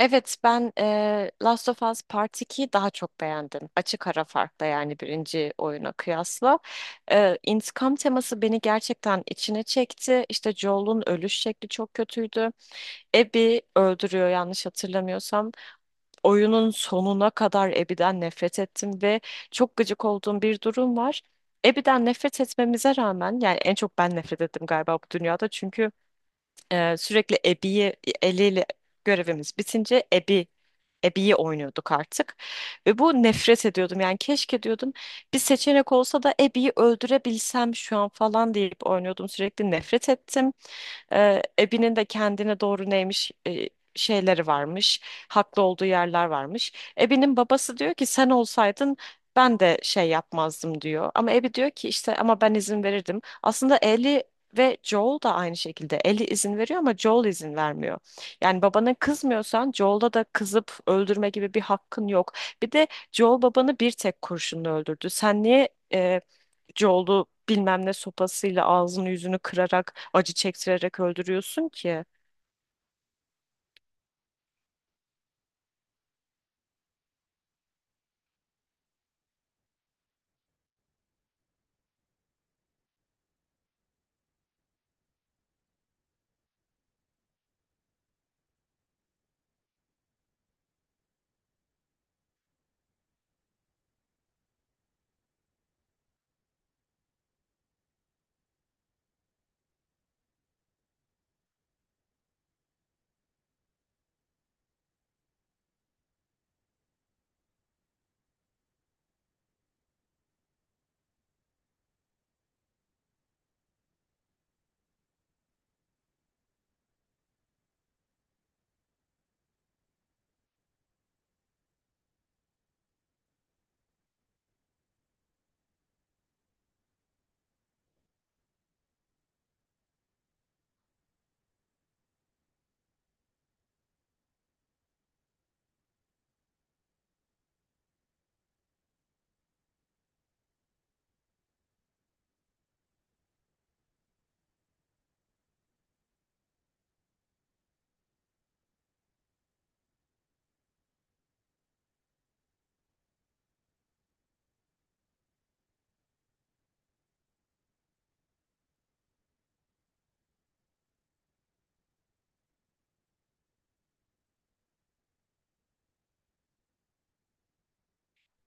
Evet ben Last of Us Part 2'yi daha çok beğendim. Açık ara farkla yani birinci oyuna kıyasla. İntikam teması beni gerçekten içine çekti. İşte Joel'un ölüş şekli çok kötüydü. Abby öldürüyor yanlış hatırlamıyorsam. Oyunun sonuna kadar Abby'den nefret ettim ve çok gıcık olduğum bir durum var. Abby'den nefret etmemize rağmen yani en çok ben nefret ettim galiba bu dünyada çünkü sürekli Abby'yi eliyle görevimiz bitince Abby ebeyi oynuyorduk artık. Ve bu nefret ediyordum. Yani keşke diyordum bir seçenek olsa da ebeyi öldürebilsem şu an falan deyip oynuyordum. Sürekli nefret ettim. Abby'nin de kendine doğru neymiş şeyleri varmış. Haklı olduğu yerler varmış. Abby'nin babası diyor ki sen olsaydın ben de şey yapmazdım diyor. Ama Abby diyor ki işte ama ben izin verirdim. Aslında Ellie ve Joel da aynı şekilde. Ellie izin veriyor ama Joel izin vermiyor. Yani babana kızmıyorsan Joel'da da kızıp öldürme gibi bir hakkın yok. Bir de Joel babanı bir tek kurşunla öldürdü. Sen niye e, yoldu bilmem ne sopasıyla ağzını yüzünü kırarak acı çektirerek öldürüyorsun ki.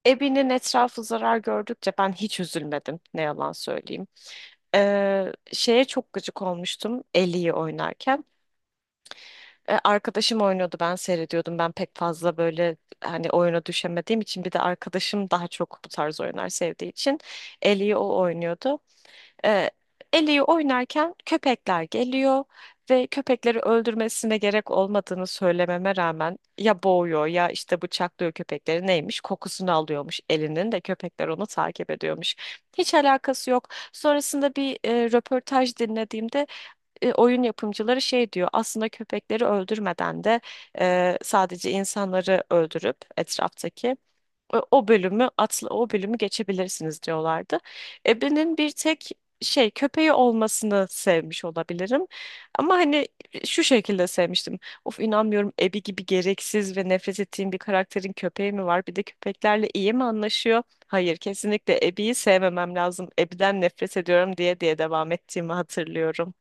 Ebi'nin etrafı zarar gördükçe ben hiç üzülmedim ne yalan söyleyeyim. Şeye çok gıcık olmuştum Ellie'yi oynarken. Arkadaşım oynuyordu ben seyrediyordum. Ben pek fazla böyle hani oyuna düşemediğim için bir de arkadaşım daha çok bu tarz oyunlar sevdiği için Ellie'yi o oynuyordu. E, Eli'yi oynarken köpekler geliyor ve köpekleri öldürmesine gerek olmadığını söylememe rağmen ya boğuyor ya işte bıçaklıyor köpekleri neymiş kokusunu alıyormuş elinin de köpekler onu takip ediyormuş. Hiç alakası yok. Sonrasında bir röportaj dinlediğimde oyun yapımcıları şey diyor aslında köpekleri öldürmeden de sadece insanları öldürüp etraftaki o bölümü atla o bölümü geçebilirsiniz diyorlardı. Ebe'nin bir tek şey köpeği olmasını sevmiş olabilirim. Ama hani şu şekilde sevmiştim. Of inanmıyorum Ebi gibi gereksiz ve nefret ettiğim bir karakterin köpeği mi var? Bir de köpeklerle iyi mi anlaşıyor? Hayır, kesinlikle Ebi'yi sevmemem lazım. Ebi'den nefret ediyorum diye diye devam ettiğimi hatırlıyorum.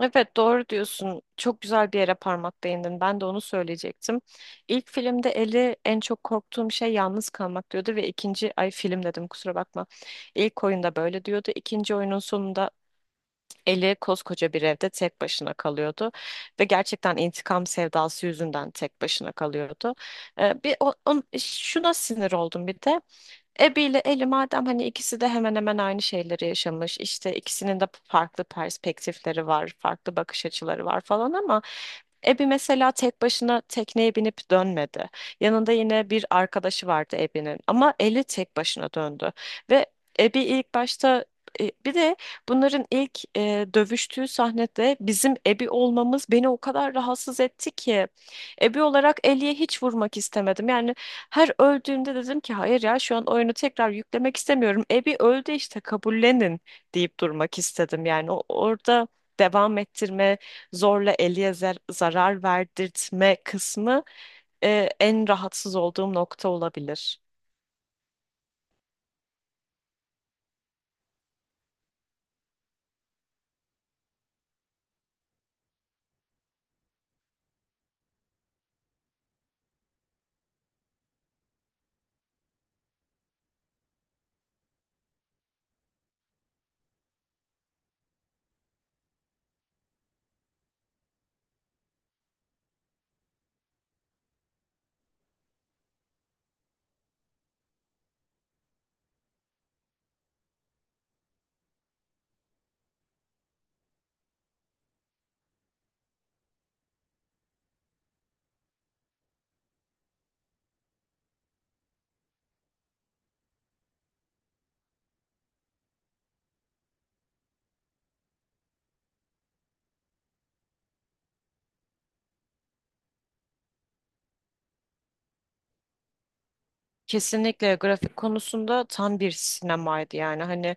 Evet doğru diyorsun. Çok güzel bir yere parmak değindin. Ben de onu söyleyecektim. İlk filmde Ellie en çok korktuğum şey yalnız kalmak diyordu ve ikinci ay film dedim kusura bakma. İlk oyunda böyle diyordu. İkinci oyunun sonunda Ellie koskoca bir evde tek başına kalıyordu ve gerçekten intikam sevdası yüzünden tek başına kalıyordu. Şuna sinir oldum bir de. Abby ile Ellie madem hani ikisi de hemen hemen aynı şeyleri yaşamış. İşte ikisinin de farklı perspektifleri var, farklı bakış açıları var falan ama Abby mesela tek başına tekneye binip dönmedi. Yanında yine bir arkadaşı vardı Abby'nin ama Ellie tek başına döndü. Ve Abby ilk başta bir de bunların ilk dövüştüğü sahnede bizim Abby olmamız beni o kadar rahatsız etti ki. Ebe olarak Ellie'ye hiç vurmak istemedim. Yani her öldüğümde dedim ki hayır ya şu an oyunu tekrar yüklemek istemiyorum. Abby öldü işte kabullenin deyip durmak istedim. Yani orada devam ettirme, zorla Ellie'ye zarar verdirtme kısmı en rahatsız olduğum nokta olabilir. Kesinlikle grafik konusunda tam bir sinemaydı yani hani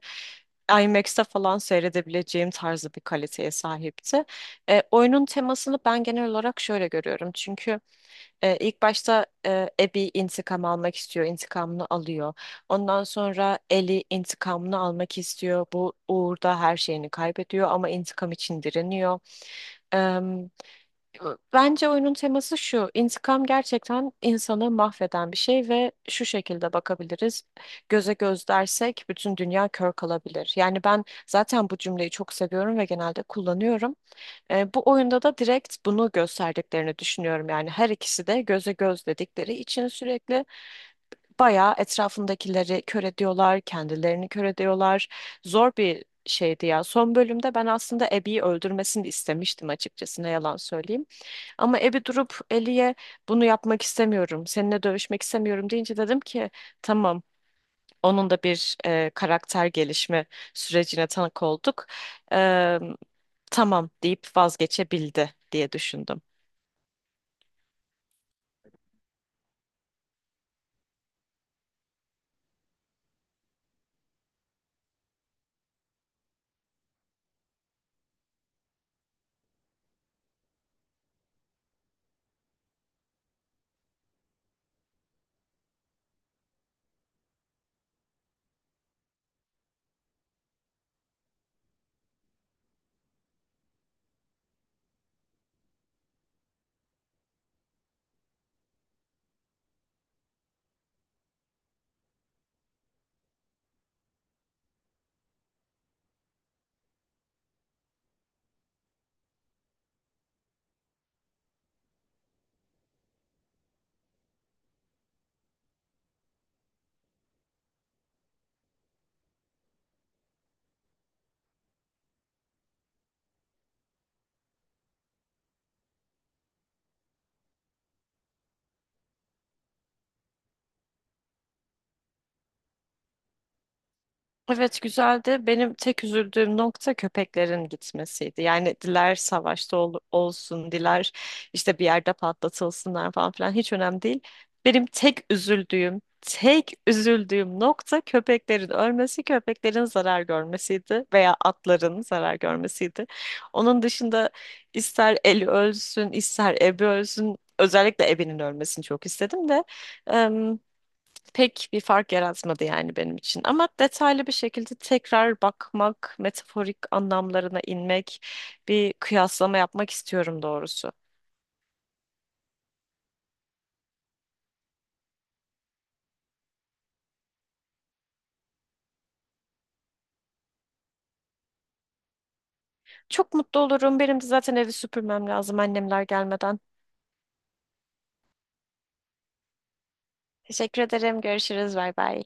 IMAX'te falan seyredebileceğim tarzı bir kaliteye sahipti. Oyunun temasını ben genel olarak şöyle görüyorum çünkü ilk başta Abby intikam almak istiyor, intikamını alıyor. Ondan sonra Ellie intikamını almak istiyor, bu uğurda her şeyini kaybediyor ama intikam için direniyor. Bence oyunun teması şu. İntikam gerçekten insanı mahveden bir şey ve şu şekilde bakabiliriz. Göze göz dersek bütün dünya kör kalabilir. Yani ben zaten bu cümleyi çok seviyorum ve genelde kullanıyorum. Bu oyunda da direkt bunu gösterdiklerini düşünüyorum. Yani her ikisi de göze göz dedikleri için sürekli bayağı etrafındakileri kör ediyorlar, kendilerini kör ediyorlar. Zor bir şeydi ya. Son bölümde ben aslında Abby'yi öldürmesini istemiştim açıkçası ne yalan söyleyeyim. Ama Ebi durup Eli'ye bunu yapmak istemiyorum, seninle dövüşmek istemiyorum deyince dedim ki tamam onun da bir karakter gelişme sürecine tanık olduk. E, tamam deyip vazgeçebildi diye düşündüm. Evet güzeldi. Benim tek üzüldüğüm nokta köpeklerin gitmesiydi. Yani diler savaşta olsun, diler işte bir yerde patlatılsınlar falan filan hiç önemli değil. Benim tek üzüldüğüm, tek üzüldüğüm nokta köpeklerin ölmesi, köpeklerin zarar görmesiydi veya atların zarar görmesiydi. Onun dışında ister Eli ölsün, ister Ebi ölsün. Özellikle Ebi'nin ölmesini çok istedim de pek bir fark yaratmadı yani benim için. Ama detaylı bir şekilde tekrar bakmak, metaforik anlamlarına inmek, bir kıyaslama yapmak istiyorum doğrusu. Çok mutlu olurum. Benim de zaten evi süpürmem lazım annemler gelmeden. Teşekkür ederim. Görüşürüz. Bay bay.